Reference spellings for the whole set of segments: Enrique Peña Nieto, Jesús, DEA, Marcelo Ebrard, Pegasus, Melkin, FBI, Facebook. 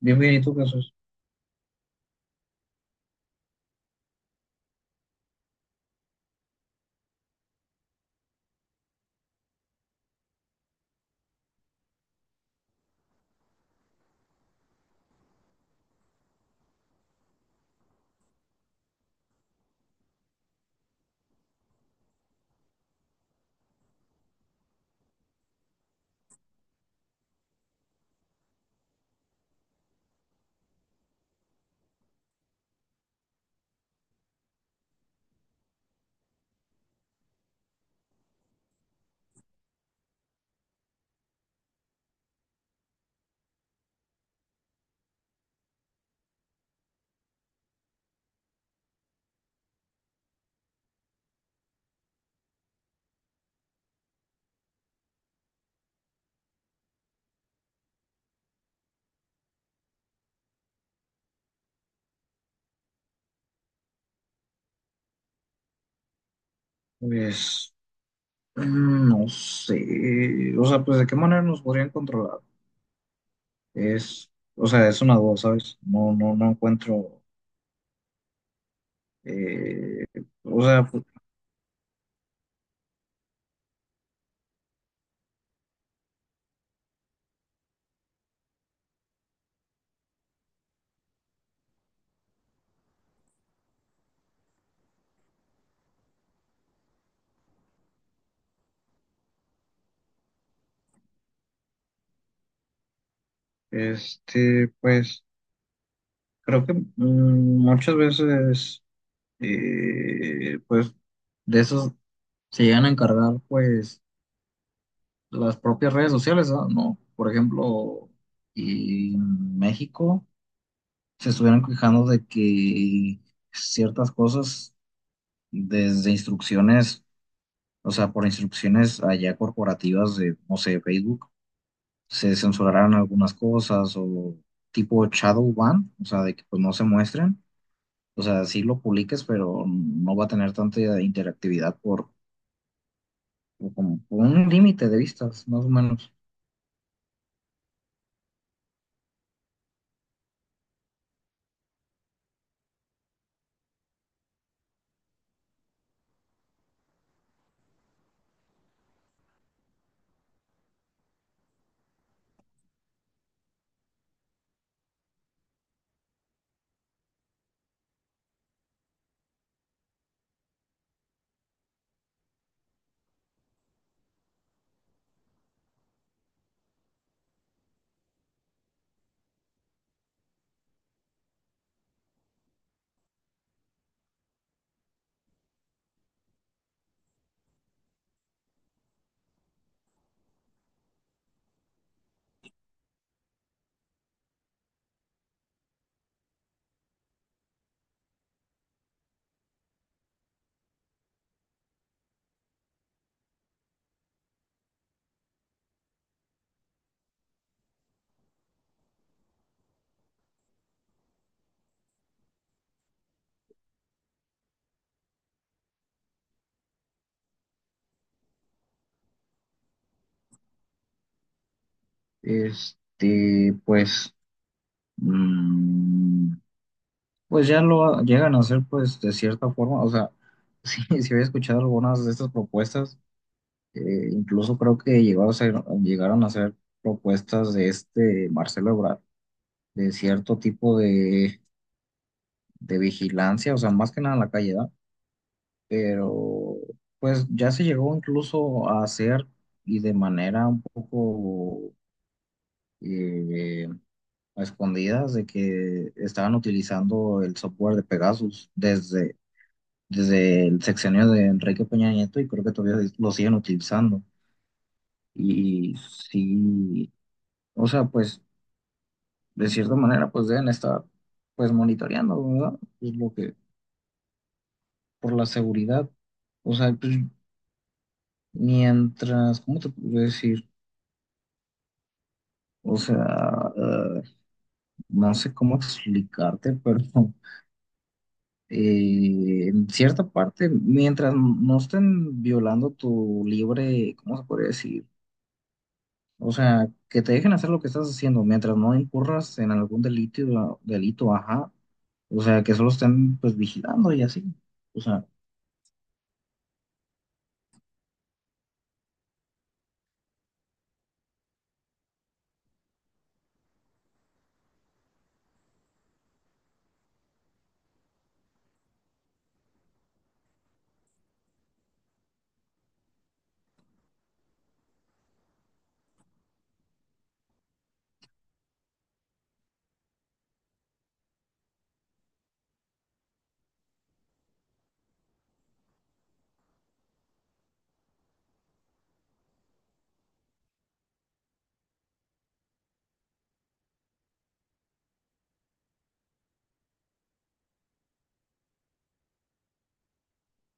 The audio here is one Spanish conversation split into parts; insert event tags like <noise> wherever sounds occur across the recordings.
Bien, bien, ¿y tú, Jesús? Pues, no sé, o sea, pues, ¿de qué manera nos podrían controlar? Es, o sea, es una duda, ¿sabes? No encuentro, eh, o sea, pues, creo que muchas veces, pues, de esos se llegan a encargar, pues, las propias redes sociales, ¿No? Por ejemplo, y en México se estuvieron quejando de que ciertas cosas desde instrucciones, o sea, por instrucciones allá corporativas de, no sé, Facebook, se censurarán algunas cosas o tipo shadow ban, o sea, de que pues no se muestren, o sea, sí lo publiques, pero no va a tener tanta interactividad por como por un límite de vistas, más o menos. Este, pues, mm, pues ya lo llegan a hacer pues de cierta forma, o sea, <laughs> sí, sí había escuchado algunas de estas propuestas. Incluso creo que llegaron a hacer propuestas de este Marcelo Ebrard, de cierto tipo de vigilancia, o sea, más que nada en la calle, ¿verdad? Pero pues ya se llegó incluso a hacer y de manera un poco eh, a escondidas de que estaban utilizando el software de desde el sexenio de Enrique Peña Nieto y creo que todavía lo siguen utilizando. Y sí, o sea, pues de cierta manera, pues deben estar, pues monitoreando, ¿verdad? Por la seguridad. O sea, pues mientras, ¿cómo te puedo decir? O sea, no sé cómo explicarte, <laughs> pero en cierta parte, mientras no estén violando tu libre, ¿cómo se podría decir? O sea, que te dejen hacer lo que estás haciendo, mientras no incurras en algún delito, ajá. O sea, que solo estén pues vigilando y así. O sea,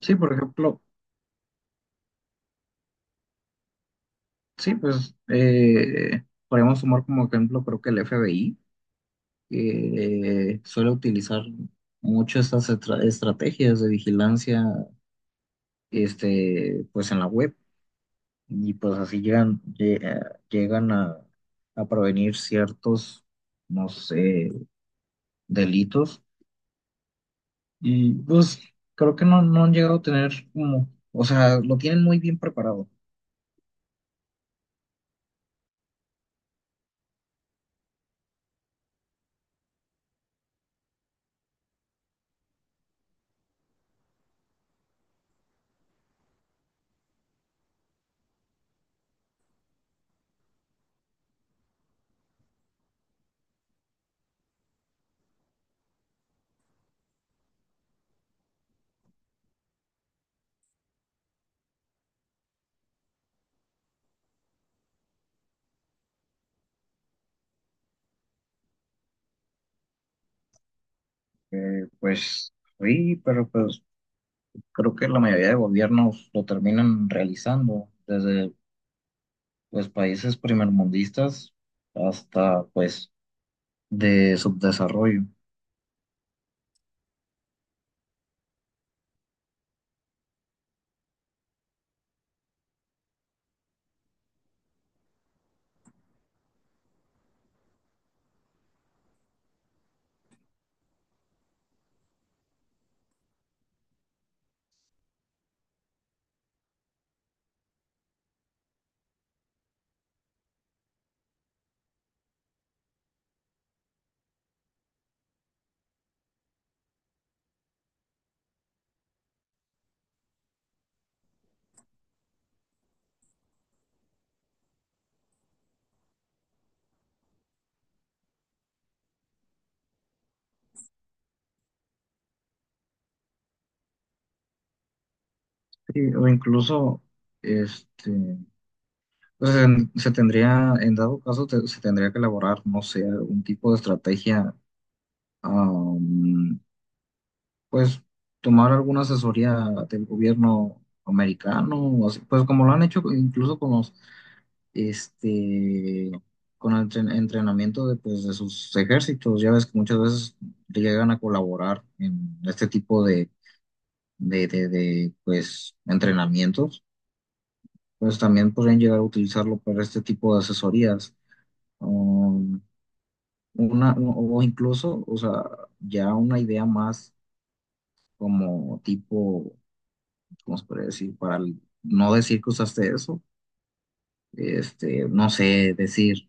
sí, por ejemplo. Sí, pues podemos tomar como ejemplo, creo que el FBI, que suele utilizar mucho estas estrategias de vigilancia, este, pues en la web, y pues así llegan a prevenir ciertos, no sé, delitos, y pues creo que no han llegado a tener como, o sea, lo tienen muy bien preparado, pues sí, pero pues creo que la mayoría de gobiernos lo terminan realizando, desde pues países primermundistas hasta pues de subdesarrollo. Sí, o incluso este pues, se tendría, en dado caso, se tendría que elaborar, no sé, un tipo de estrategia, am, pues tomar alguna asesoría del gobierno americano, o así, pues como lo han hecho incluso con los este, con el entrenamiento de, pues, de sus ejércitos. Ya ves que muchas veces llegan a colaborar en este tipo de, pues, entrenamientos. Pues también podrían llegar a utilizarlo para este tipo de asesorías. Um, una, o incluso, o sea, ya una idea más como tipo, ¿cómo se puede decir? Para no decir que usaste eso, este, no sé, decir.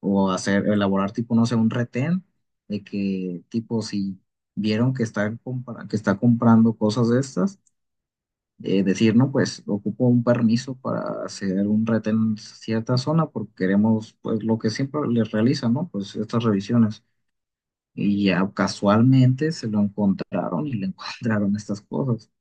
O hacer, elaborar tipo, no sé, un retén de que tipo si vieron que está, que está comprando cosas de estas, decir, no, pues ocupo un permiso para hacer un retén en cierta zona porque queremos, pues lo que siempre les realizan, ¿no? Pues estas revisiones. Y ya casualmente se lo encontraron y le <laughs> encontraron estas cosas.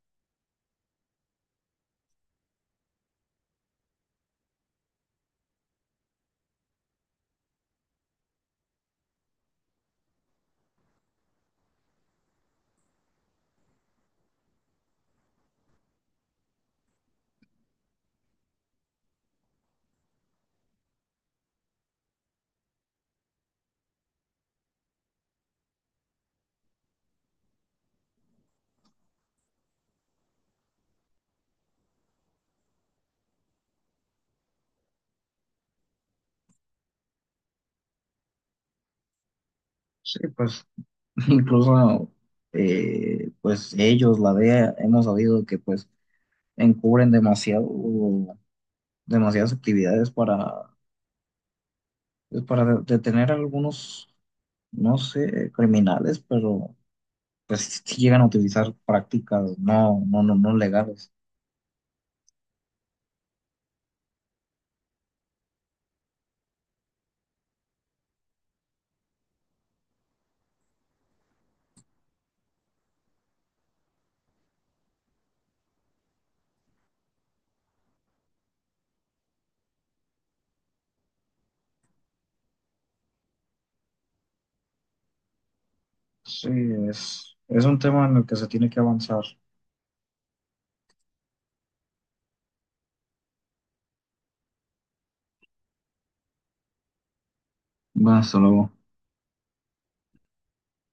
Sí, pues incluso, pues ellos, la DEA, hemos sabido que pues encubren demasiado demasiadas actividades para, pues, para detener a algunos, no sé, criminales, pero pues sí llegan a utilizar prácticas no legales. Sí, es un tema en el que se tiene que avanzar. Va, hasta luego.